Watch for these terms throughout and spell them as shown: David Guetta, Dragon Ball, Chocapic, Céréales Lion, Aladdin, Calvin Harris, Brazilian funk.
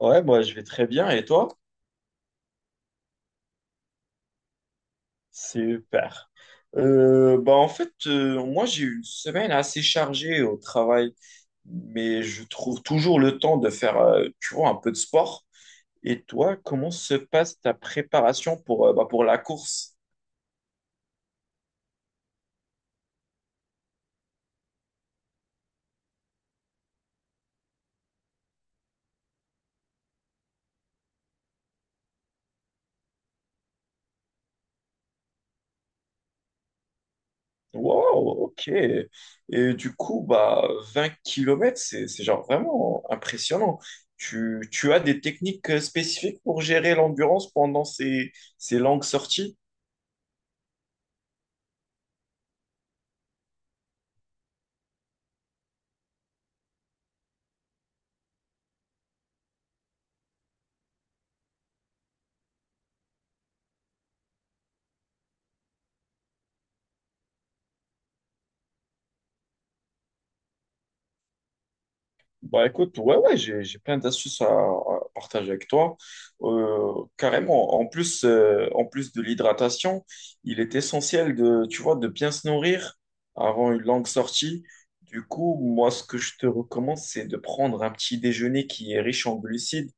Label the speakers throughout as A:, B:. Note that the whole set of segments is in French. A: Ouais, moi je vais très bien. Et toi? Super. Moi j'ai eu une semaine assez chargée au travail, mais je trouve toujours le temps de faire, tu vois, un peu de sport. Et toi, comment se passe ta préparation pour, pour la course? Wow, ok. Et du coup, bah 20 kilomètres, c'est genre vraiment impressionnant. Tu as des techniques spécifiques pour gérer l'endurance pendant ces longues sorties? Bah écoute, ouais, ouais, j'ai plein d'astuces à partager avec toi. Carrément, en plus de l'hydratation, il est essentiel de, tu vois, de bien se nourrir avant une longue sortie. Du coup, moi, ce que je te recommande, c'est de prendre un petit déjeuner qui est riche en glucides.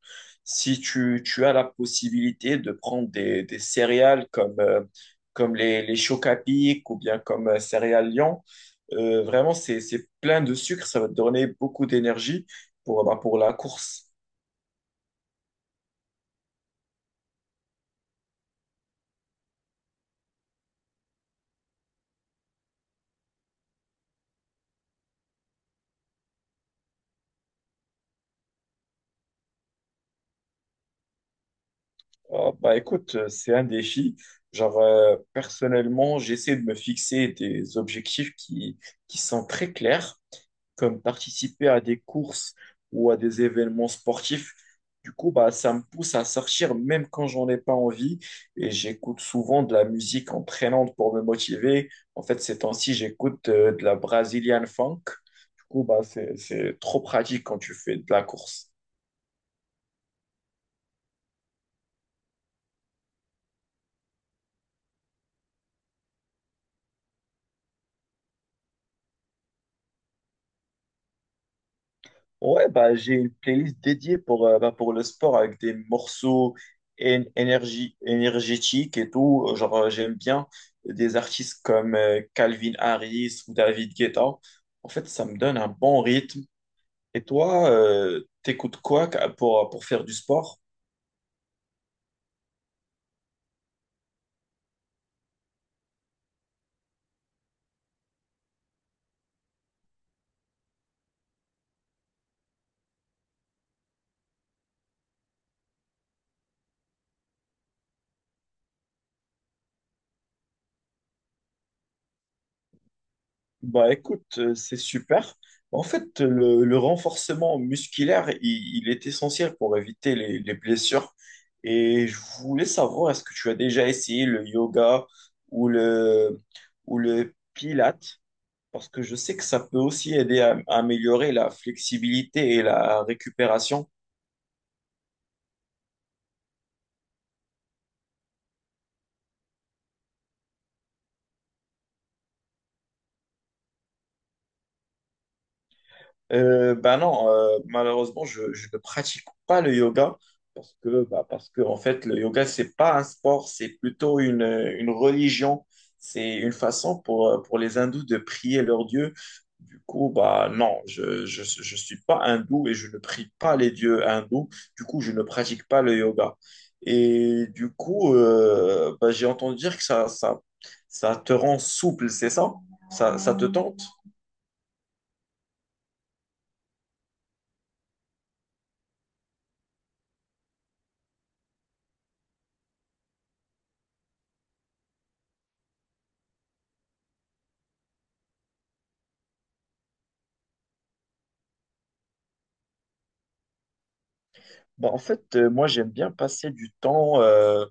A: Si tu as la possibilité de prendre des céréales comme, comme les Chocapic ou bien comme Céréales Lion, vraiment, c'est plein de sucre, ça va te donner beaucoup d'énergie pour, pour la course. Ah, bah, écoute, c'est un défi. Genre, personnellement, j'essaie de me fixer des objectifs qui sont très clairs, comme participer à des courses ou à des événements sportifs. Du coup, bah, ça me pousse à sortir même quand j'en ai pas envie et j'écoute souvent de la musique entraînante pour me motiver. En fait, ces temps-ci, j'écoute de la Brazilian funk. Du coup, bah, c'est trop pratique quand tu fais de la course. Ouais, bah, j'ai une playlist dédiée pour, pour le sport avec des morceaux énergie, énergétiques et tout. Genre, j'aime bien des artistes comme Calvin Harris ou David Guetta. En fait, ça me donne un bon rythme. Et toi, t'écoutes quoi pour faire du sport? Bah écoute, c'est super. En fait, le renforcement musculaire, il est essentiel pour éviter les blessures. Et je voulais savoir, est-ce que tu as déjà essayé le yoga ou ou le pilates? Parce que je sais que ça peut aussi aider à améliorer la flexibilité et la récupération. Bah non, malheureusement, je ne pratique pas le yoga parce que, bah, parce que en fait, le yoga, c'est pas un sport, c'est plutôt une religion. C'est une façon pour les hindous de prier leur dieu. Du coup, bah non, je suis pas hindou et je ne prie pas les dieux hindous. Du coup, je ne pratique pas le yoga. Et du coup, j'ai entendu dire que ça te rend souple, c'est ça? Ça te tente? Bah, en fait, moi, j'aime bien passer du temps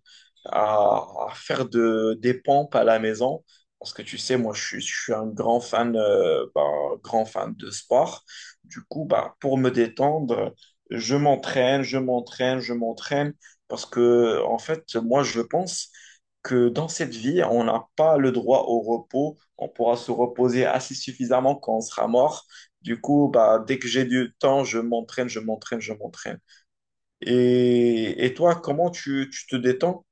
A: à faire des pompes à la maison. Parce que tu sais, moi, je suis un grand fan, grand fan de sport. Du coup, bah, pour me détendre, je m'entraîne, je m'entraîne, je m'entraîne. Parce que, en fait, moi, je pense que dans cette vie, on n'a pas le droit au repos. On pourra se reposer assez suffisamment quand on sera mort. Du coup, bah, dès que j'ai du temps, je m'entraîne, je m'entraîne, je m'entraîne. Et toi, comment tu te détends?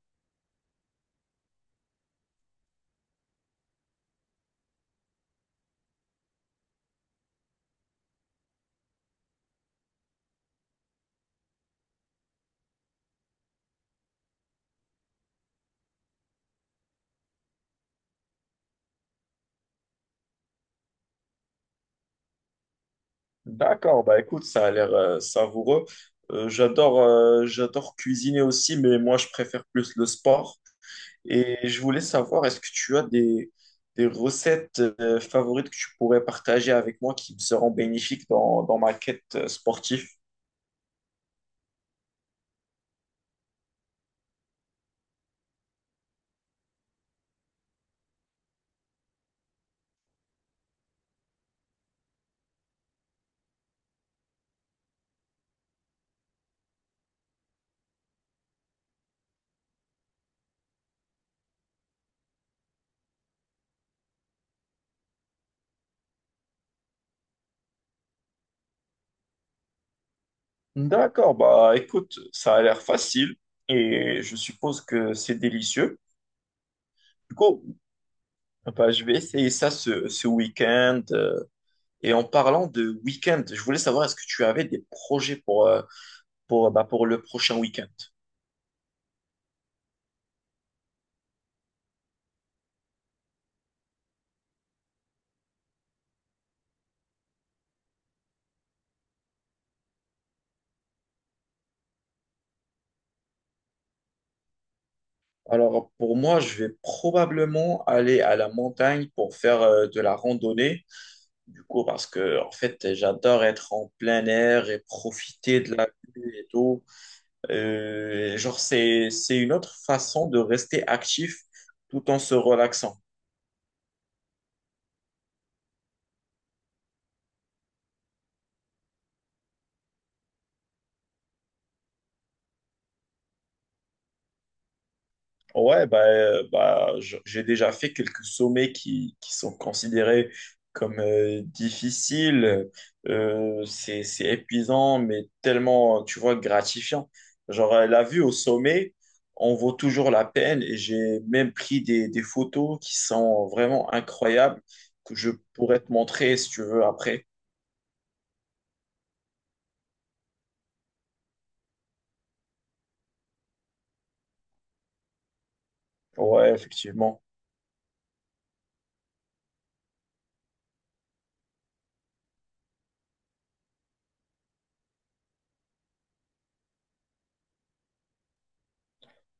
A: D'accord, bah écoute, ça a l'air savoureux. J'adore j'adore cuisiner aussi, mais moi, je préfère plus le sport. Et je voulais savoir, est-ce que tu as des recettes favorites que tu pourrais partager avec moi qui me seront bénéfiques dans ma quête sportive? D'accord, bah écoute, ça a l'air facile et je suppose que c'est délicieux. Du coup, bah, je vais essayer ça ce week-end. Et en parlant de week-end, je voulais savoir est-ce que tu avais des projets pour, pour le prochain week-end? Alors pour moi, je vais probablement aller à la montagne pour faire de la randonnée. Du coup, parce que en fait, j'adore être en plein air et profiter de la vue et tout. Genre, c'est une autre façon de rester actif tout en se relaxant. Ouais, j'ai déjà fait quelques sommets qui sont considérés comme difficiles. C'est épuisant, mais tellement, tu vois, gratifiant. Genre, la vue au sommet, on vaut toujours la peine et j'ai même pris des photos qui sont vraiment incroyables que je pourrais te montrer si tu veux après. Ouais, effectivement.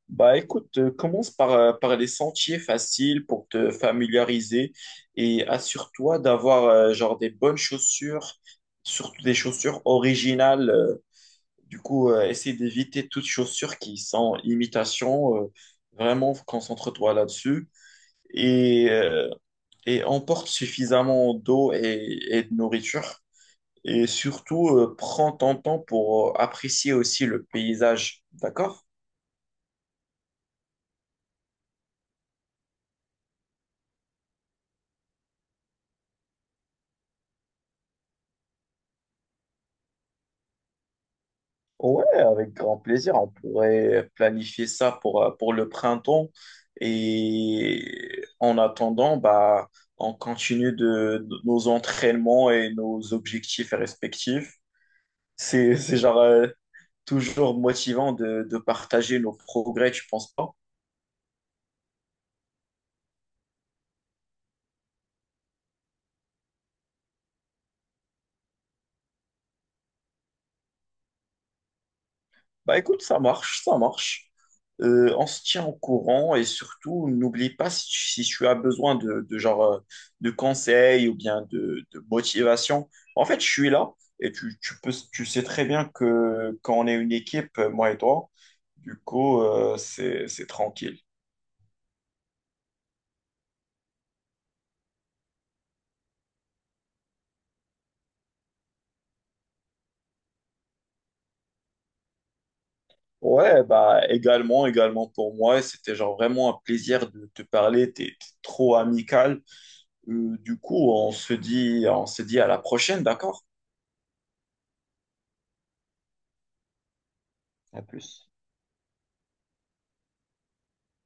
A: Bah écoute, commence par, par les sentiers faciles pour te familiariser et assure-toi d'avoir genre des bonnes chaussures, surtout des chaussures originales. Du coup, essaie d'éviter toutes chaussures qui sont imitation. Vraiment, concentre-toi là-dessus et, euh, et emporte suffisamment d'eau et de nourriture. Et surtout, prends ton temps pour apprécier aussi le paysage, d'accord? Ouais, avec grand plaisir. On pourrait planifier ça pour le printemps. Et en attendant, bah, on continue de nos entraînements et nos objectifs respectifs. C'est genre toujours motivant de partager nos progrès, tu penses pas? Bah écoute, ça marche, ça marche. On se tient au courant et surtout, n'oublie pas si si tu as besoin de genre de conseils ou bien de motivation. En fait, je suis là et tu peux, tu sais très bien que quand on est une équipe, moi et toi, du coup, c'est tranquille. Ouais, bah également, également pour moi, c'était genre vraiment un plaisir de te parler, t'es trop amical. Du coup, on se dit à la prochaine, d'accord?